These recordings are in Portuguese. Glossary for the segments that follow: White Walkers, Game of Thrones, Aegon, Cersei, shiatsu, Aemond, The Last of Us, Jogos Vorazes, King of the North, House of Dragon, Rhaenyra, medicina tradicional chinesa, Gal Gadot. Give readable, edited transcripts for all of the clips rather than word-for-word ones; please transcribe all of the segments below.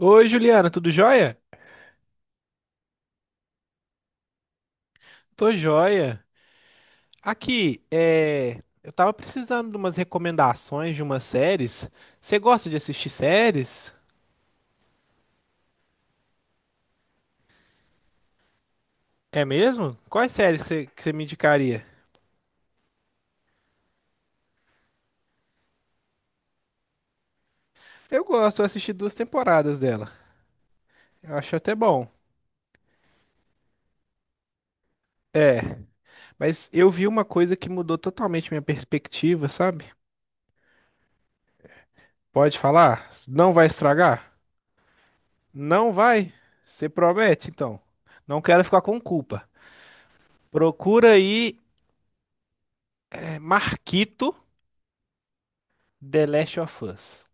Oi, Juliana, tudo jóia? Tô jóia. Aqui, eu tava precisando de umas recomendações de umas séries. Você gosta de assistir séries? É mesmo? Quais séries que você me indicaria? Eu gosto, eu assisti duas temporadas dela. Eu acho até bom. É, mas eu vi uma coisa que mudou totalmente minha perspectiva, sabe? Pode falar? Não vai estragar? Não vai? Você promete, então? Não quero ficar com culpa. Procura aí, Marquito. The Last of Us.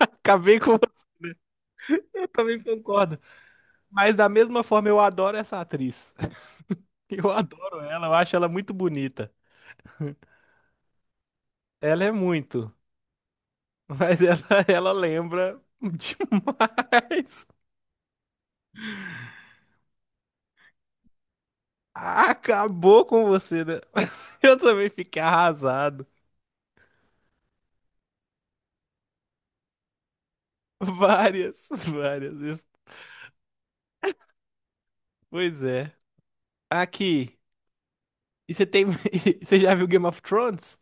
Acabei com. Eu também concordo. Mas da mesma forma eu adoro essa atriz. Eu adoro ela, eu acho ela muito bonita. Ela é muito, mas ela lembra demais. Acabou com você, né? Eu também fiquei arrasado. Várias, várias vezes. Pois é. Aqui. E você tem. Você já viu Game of Thrones?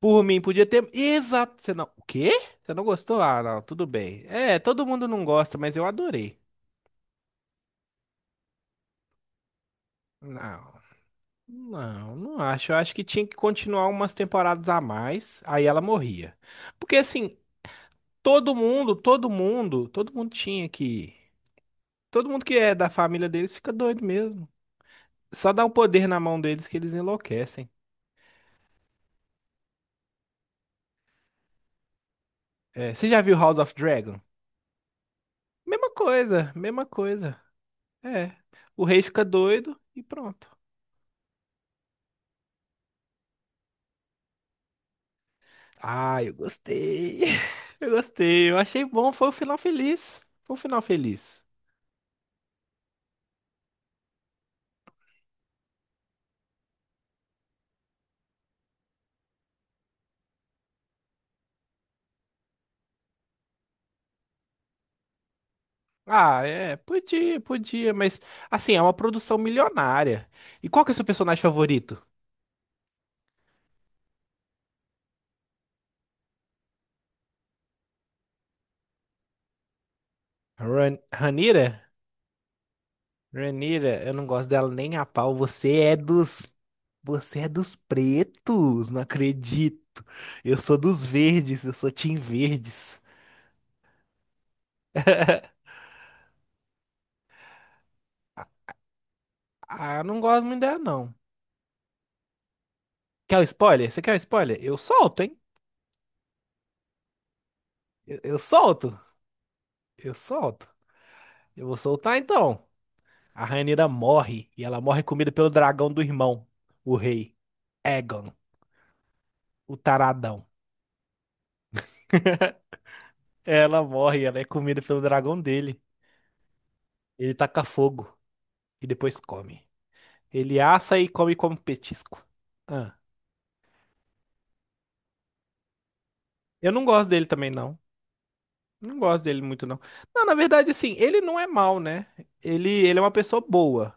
Por mim, podia ter. Exato. Você não. O quê? Você não gostou? Ah, não, tudo bem. É, todo mundo não gosta, mas eu adorei. Não, não, não acho. Eu acho que tinha que continuar umas temporadas a mais. Aí ela morria. Porque assim, todo mundo, todo mundo, todo mundo tinha que. Todo mundo que é da família deles fica doido mesmo. Só dá o poder na mão deles que eles enlouquecem. É, você já viu House of Dragon? Mesma coisa, mesma coisa. É. O rei fica doido e pronto. Ah, eu gostei. Eu gostei. Eu achei bom. Foi um final feliz. Foi um final feliz. Ah, é. Podia, podia. Mas, assim, é uma produção milionária. E qual que é o seu personagem favorito? Ranira? Ranira, eu não gosto dela nem a pau. Você é dos. Você é dos pretos. Não acredito. Eu sou dos verdes. Eu sou Team Verdes. Ah, eu não gosto muito dela, não. Quer o spoiler? Você quer o spoiler? Eu solto, hein? Eu solto. Eu solto. Eu vou soltar então. A Rhaenyra morre e ela morre comida pelo dragão do irmão, o rei Aegon, o taradão. Ela morre, ela é comida pelo dragão dele. Ele taca fogo e depois come. Ele assa e come como petisco. Ah, eu não gosto dele também não. Não gosto dele muito não. Não, na verdade assim, ele não é mal, né? Ele é uma pessoa boa,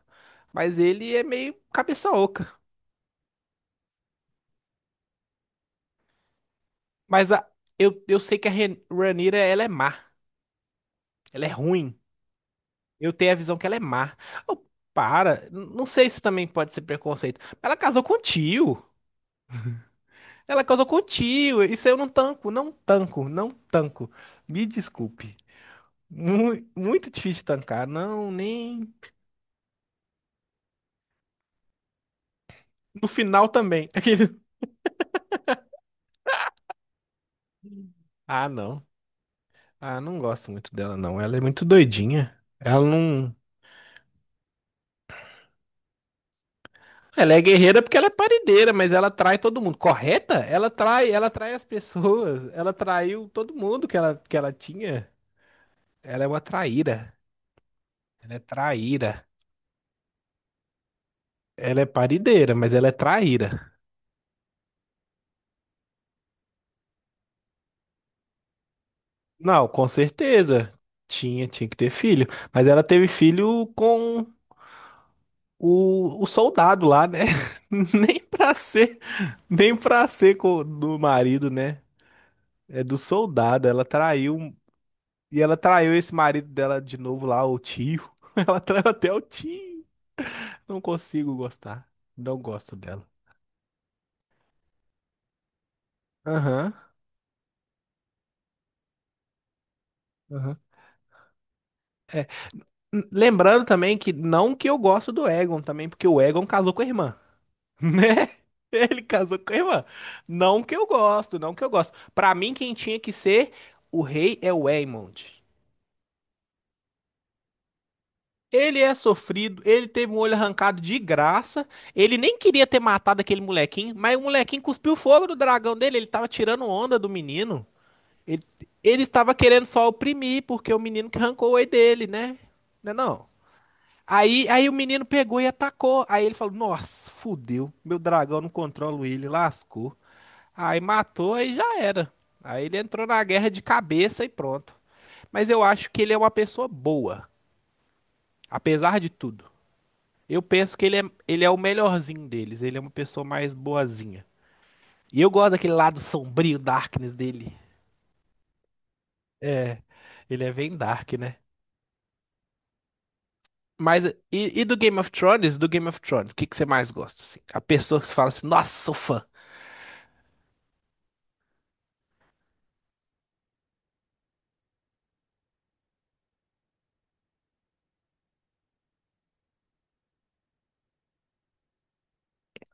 mas ele é meio cabeça oca. Mas eu sei que a Rhaenyra ela é má, ela é ruim. Eu tenho a visão que ela é má. Oh, para, não sei se também pode ser preconceito. Ela casou com o tio. Ela casou com o tio. Isso eu não tanco, não tanco, não tanco. Me desculpe. Muito, difícil tancar. Não, nem. No final também. Aquele- Ah, não. Ah, não gosto muito dela, não. Ela é muito doidinha. Ela não. Ela é guerreira porque ela é paredeira, mas ela trai todo mundo. Correta? Ela trai as pessoas. Ela traiu todo mundo que ela tinha. Ela é uma traíra. Ela é traíra. Ela é parideira, mas ela é traíra. Não, com certeza. Tinha que ter filho. Mas ela teve filho com o soldado lá, né? Nem pra ser, nem pra ser do marido, né? É do soldado. Ela traiu. E ela traiu esse marido dela de novo lá, o tio. Ela traiu até o tio. Não consigo gostar. Não gosto dela. Aham. Aham. Lembrando também que não que eu gosto do Egon também, porque o Egon casou com a irmã, né? Ele casou com a irmã. Não que eu gosto, não que eu gosto. Pra mim, quem tinha que ser o rei é o Aemond. Ele é sofrido, ele teve um olho arrancado de graça. Ele nem queria ter matado aquele molequinho, mas o molequinho cuspiu fogo do dragão dele. Ele tava tirando onda do menino. Ele, ele estava querendo só oprimir, porque o menino que arrancou o olho dele, né? Não é não? Aí o menino pegou e atacou. Aí ele falou: Nossa, fudeu. Meu dragão não controla ele, lascou. Aí matou e já era. Aí ele entrou na guerra de cabeça e pronto. Mas eu acho que ele é uma pessoa boa, apesar de tudo. Eu penso que ele é o melhorzinho deles. Ele é uma pessoa mais boazinha. E eu gosto daquele lado sombrio, darkness dele. É, ele é bem dark, né? Mas e do Game of Thrones? Do Game of Thrones, o que que você mais gosta? Assim? A pessoa que você fala assim: Nossa, sou fã.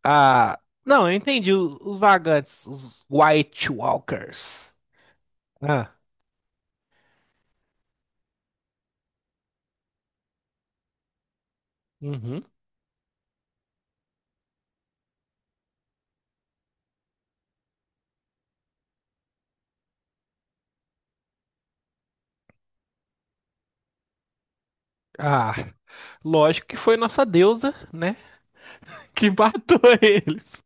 Ah, não, eu entendi. Os vagantes, os White Walkers. Ah, uhum. Ah, lógico que foi nossa deusa, né? Que matou eles.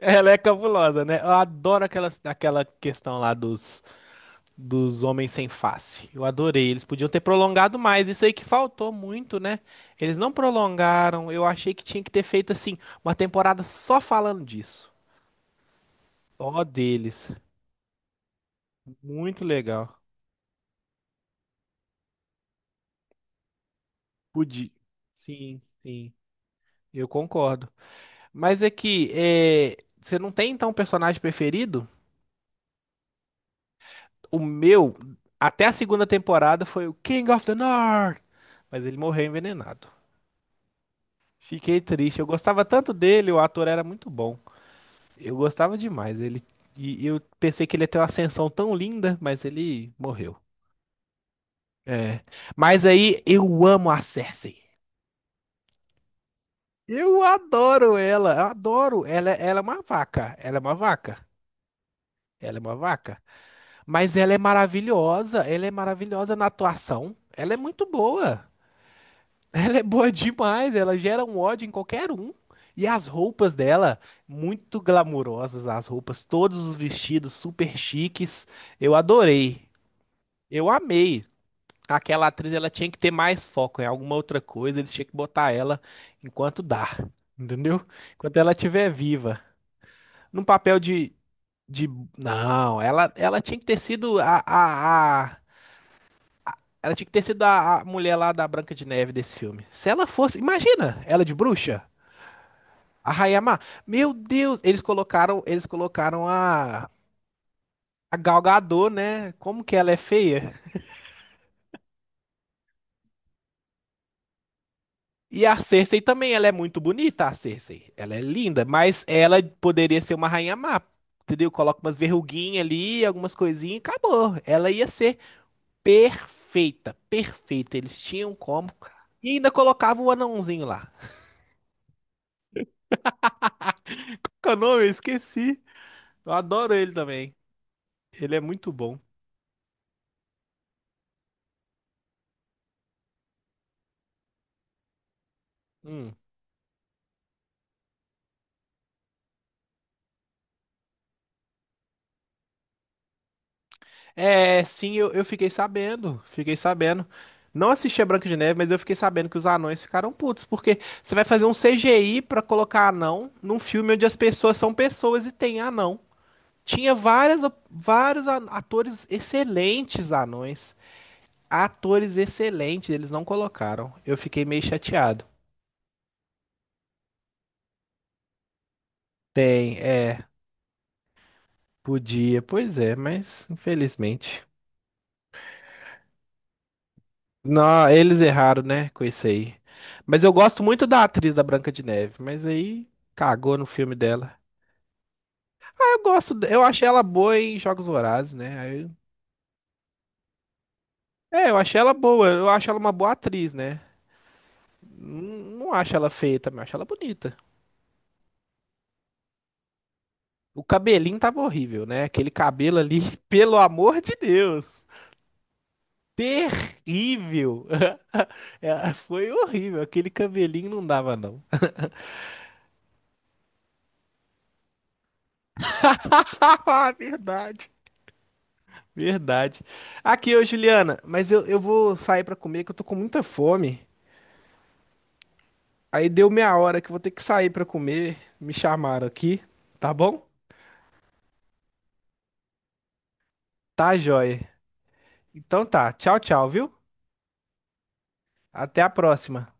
Ela é cabulosa, né? Eu adoro aquela questão lá dos homens sem face. Eu adorei. Eles podiam ter prolongado mais. Isso aí que faltou muito, né? Eles não prolongaram. Eu achei que tinha que ter feito, assim, uma temporada só falando disso. Só deles. Muito legal. Podia. Sim, sim. Eu concordo. Mas é que é, você não tem então um personagem preferido? O meu, até a segunda temporada, foi o King of the North. Mas ele morreu envenenado. Fiquei triste. Eu gostava tanto dele, o ator era muito bom. Eu gostava demais. E eu pensei que ele ia ter uma ascensão tão linda, mas ele morreu. É. Mas aí eu amo a Cersei. Eu adoro ela, eu adoro. Ela é uma vaca. Ela é uma vaca. Ela é uma vaca. Mas ela é maravilhosa na atuação. Ela é muito boa. Ela é boa demais, ela gera um ódio em qualquer um. E as roupas dela, muito glamurosas as roupas, todos os vestidos super chiques. Eu adorei. Eu amei. Aquela atriz, ela tinha que ter mais foco em alguma outra coisa, eles tinham que botar ela enquanto dá, entendeu? Enquanto ela estiver viva. Num papel de. Não, ela tinha que ter sido. Ela tinha que ter sido a mulher lá da Branca de Neve desse filme. Se ela fosse, imagina, ela de bruxa, a Rainha Má. Meu Deus, eles colocaram a Gal Gadot, né? Como que ela é feia? E a Cersei também, ela é muito bonita, a Cersei. Ela é linda, mas ela poderia ser uma rainha má, entendeu? Coloca umas verruguinhas ali, algumas coisinhas, e acabou. Ela ia ser perfeita, perfeita. Eles tinham como. E ainda colocava o anãozinho lá. Qual que é o nome? Eu esqueci. Eu adoro ele também. Ele é muito bom. Hum. É, sim, eu fiquei sabendo. Fiquei sabendo. Não assisti a Branca de Neve, mas eu fiquei sabendo que os anões ficaram putos, porque você vai fazer um CGI pra colocar anão num filme onde as pessoas são pessoas e tem anão. Tinha vários atores excelentes anões. Atores excelentes, eles não colocaram. Eu fiquei meio chateado. Tem, podia, pois é, mas infelizmente. Não, eles erraram, né? Com isso aí. Mas eu gosto muito da atriz da Branca de Neve, mas aí cagou no filme dela. Eu achei ela boa em Jogos Vorazes, né? Aí eu- é, eu achei ela boa, eu acho ela uma boa atriz, né? Não, não acho ela feia também, acho ela bonita. O cabelinho tava horrível, né? Aquele cabelo ali, pelo amor de Deus, terrível. É, foi horrível, aquele cabelinho não dava não. Haha, verdade. Verdade. Aqui, ô Juliana, mas eu vou sair pra comer que eu tô com muita fome. Aí deu meia hora que eu vou ter que sair pra comer. Me chamaram aqui, tá bom? Tá, joia. Então tá. Tchau, tchau, viu? Até a próxima.